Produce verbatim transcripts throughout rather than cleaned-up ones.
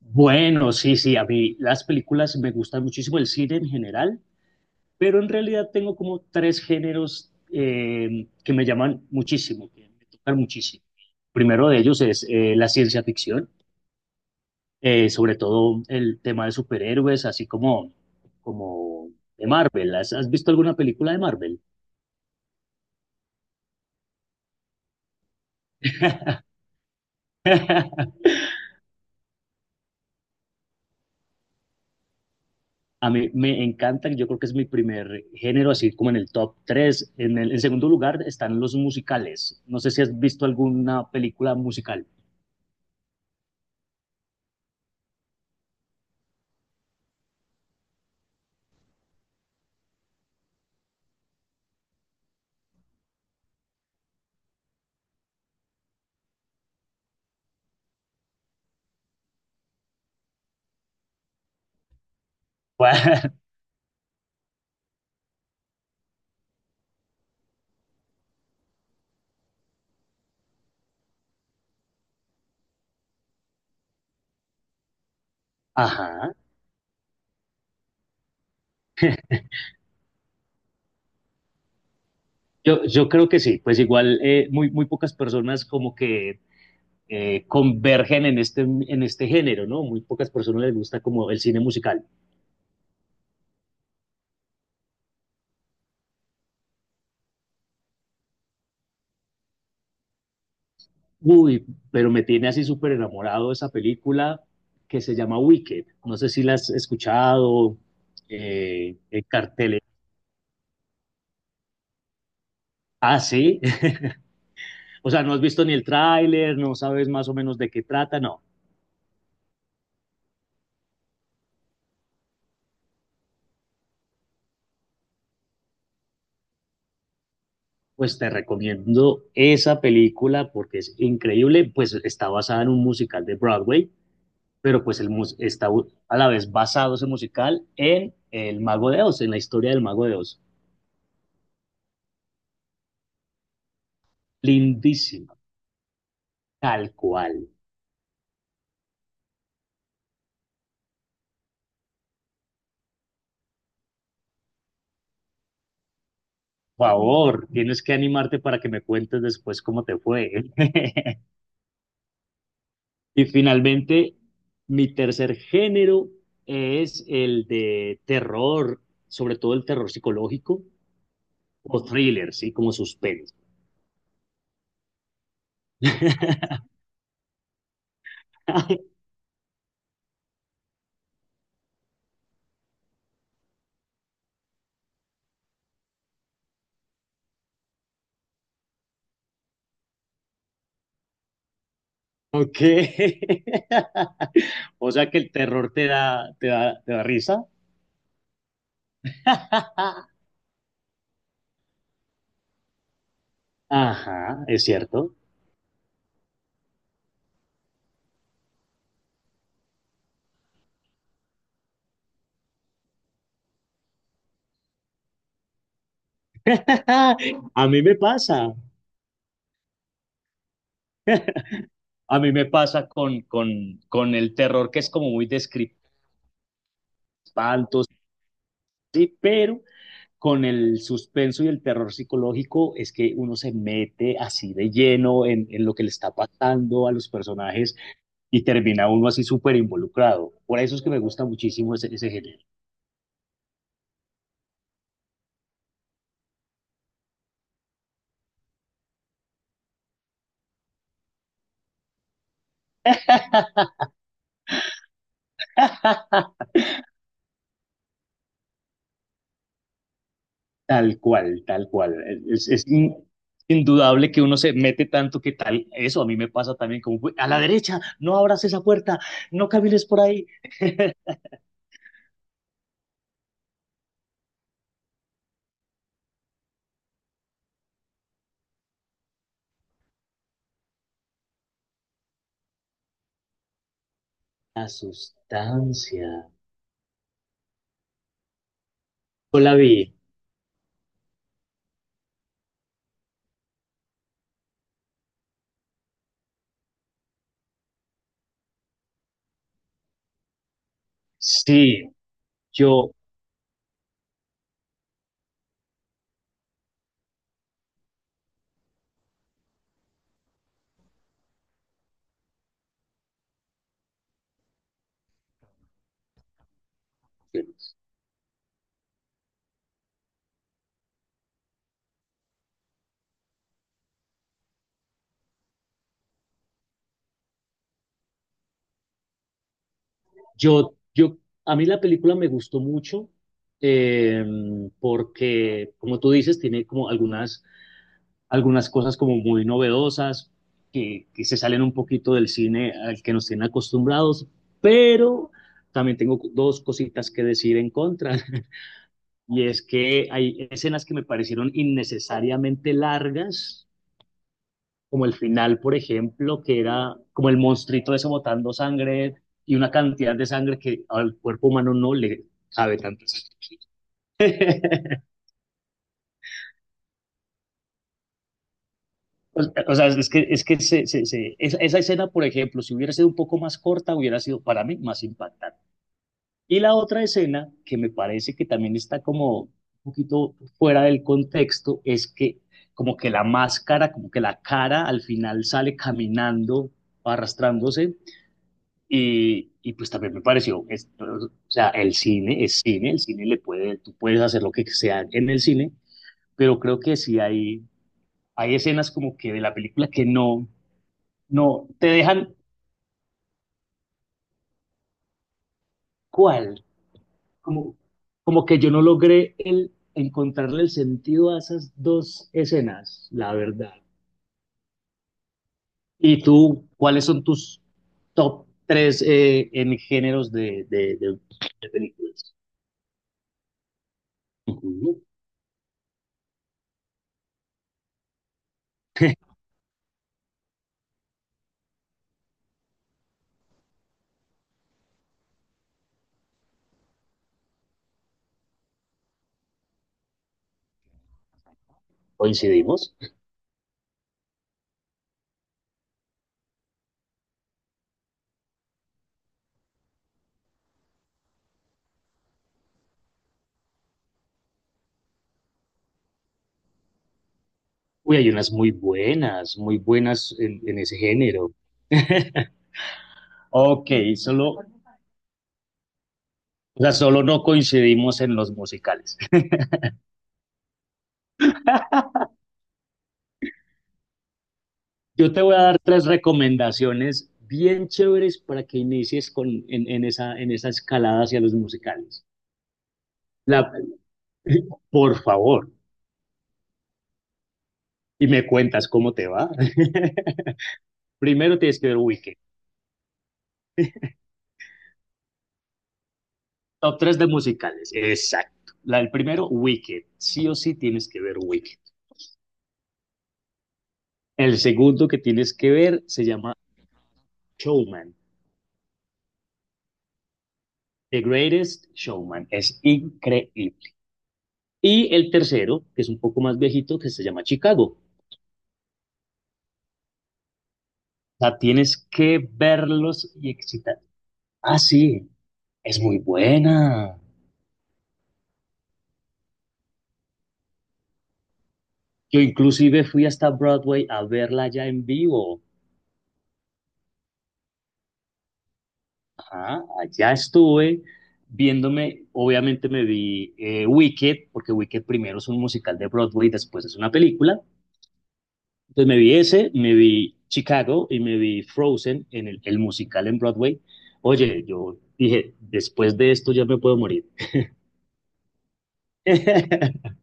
Bueno, sí, sí, a mí las películas me gustan muchísimo, el cine en general, pero en realidad tengo como tres géneros eh, que me llaman muchísimo, que me tocan muchísimo. Primero de ellos es eh, la ciencia ficción, eh, sobre todo el tema de superhéroes, así como, como de Marvel. ¿Has, has visto alguna película de Marvel? A mí me encantan, yo creo que es mi primer género, así como en el top tres. En el en segundo lugar están los musicales. No sé si has visto alguna película musical. Ajá. Yo, yo creo que sí, pues igual eh, muy, muy pocas personas como que eh, convergen en este, en este género, ¿no? Muy pocas personas les gusta como el cine musical. Uy, pero me tiene así súper enamorado esa película que se llama Wicked. No sé si la has escuchado, eh, el cartel. Ah, sí, o sea, no has visto ni el tráiler, no sabes más o menos de qué trata, no. Pues te recomiendo esa película porque es increíble, pues está basada en un musical de Broadway, pero pues el mus está a la vez basado ese musical en El Mago de Oz, en la historia del Mago de Oz. Lindísima, tal cual. Por favor, tienes que animarte para que me cuentes después cómo te fue. Y finalmente, mi tercer género es el de terror, sobre todo el terror psicológico o thriller, ¿sí? Como suspense. Ok. O sea que el terror te da, te da, te da risa. Ajá, es cierto. A mí me pasa. A mí me pasa con, con, con el terror que es como muy de espantos, sí, pero con el suspenso y el terror psicológico es que uno se mete así de lleno en, en lo que le está pasando a los personajes y termina uno así súper involucrado. Por eso es que me gusta muchísimo ese, ese género. Tal cual, tal cual. Es, es in, Indudable que uno se mete tanto que tal. Eso a mí me pasa también como, a la derecha, no abras esa puerta, no camines por ahí. La sustancia. Hola, vi. Sí, yo Yo, yo, a mí la película me gustó mucho eh, porque, como tú dices, tiene como algunas, algunas cosas como muy novedosas que, que se salen un poquito del cine al que nos tienen acostumbrados, pero también tengo dos cositas que decir en contra. Y es que hay escenas que me parecieron innecesariamente largas como el final, por ejemplo, que era como el monstruito ese botando sangre y una cantidad de sangre que al cuerpo humano no le cabe tanto. O sea, es que, es que se- se- se- esa, esa escena, por ejemplo, si hubiera sido un poco más corta, hubiera sido para mí más impactante. Y la otra escena, que me parece que también está como un poquito fuera del contexto, es que como que la máscara, como que la cara al final sale caminando, arrastrándose. Y, y pues también me pareció, es- o sea, el cine es cine, el cine le puede, tú puedes hacer lo que sea en el cine, pero creo que sí hay, hay escenas como que de la película que no, no, te dejan cuál, como, como que yo no logré el, encontrarle el sentido a esas dos escenas, la verdad. ¿Y tú, cuáles son tus top tres eh, en géneros de, de, de- de películas? Ujú. Coincidimos. Uy, hay unas muy buenas, muy buenas en, en ese género. Ok, solo, o sea, solo no coincidimos en los musicales. Yo te voy a dar tres recomendaciones bien chéveres para que inicies con, en, en esa, en esa escalada hacia los musicales. La, por favor, y me cuentas cómo te va. Primero tienes que ver Wicked. Top tres de musicales, exacto. La del primero, Wicked. Sí o sí tienes que ver Wicked. El segundo que tienes que ver se llama Showman. The Greatest Showman. Es increíble. Y el tercero, que es un poco más viejito, que se llama Chicago. O sea, tienes que verlos y excitar. Ah, sí, es muy buena. Yo inclusive fui hasta Broadway a verla ya en vivo. Ajá, allá estuve viéndome, obviamente me vi eh, Wicked, porque Wicked primero es un musical de Broadway, después es una película. Entonces me vi ese, me vi Chicago y me vi Frozen en el, el musical en Broadway. Oye, yo dije, después de esto ya me puedo morir.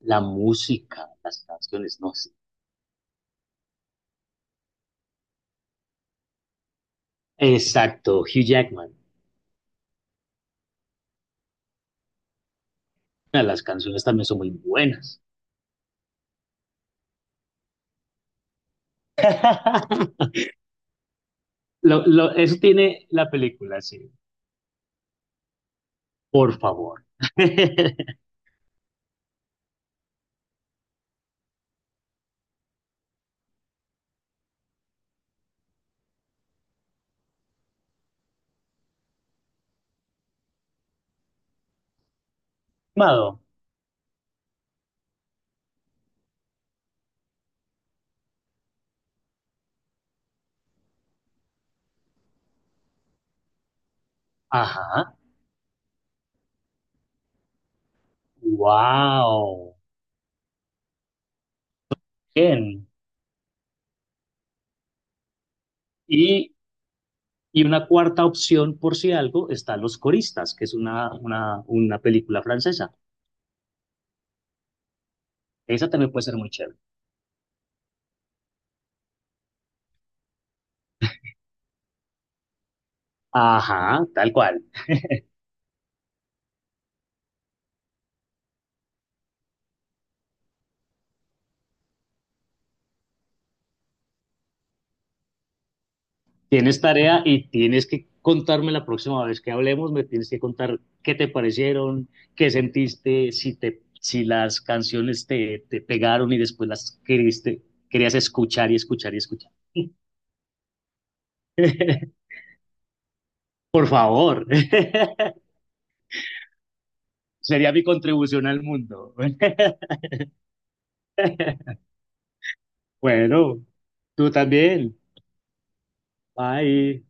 La música, las canciones, no sé. Exacto, Hugh Jackman. Ah, las canciones también son muy buenas. Lo, lo- eso tiene la película, sí. Por favor. Mado. Ajá. Wow. Bien. Y Y una cuarta opción, por si algo, están Los Coristas, que es una, una, una película francesa. Esa también puede ser muy chévere. Ajá, tal cual. Tienes tarea y tienes que contarme la próxima vez que hablemos, me tienes que contar qué te parecieron, qué sentiste, si, te, si las canciones te, te pegaron y después las queriste, querías escuchar y escuchar y escuchar. Por favor, sería mi contribución al mundo. Bueno, tú también. Bye.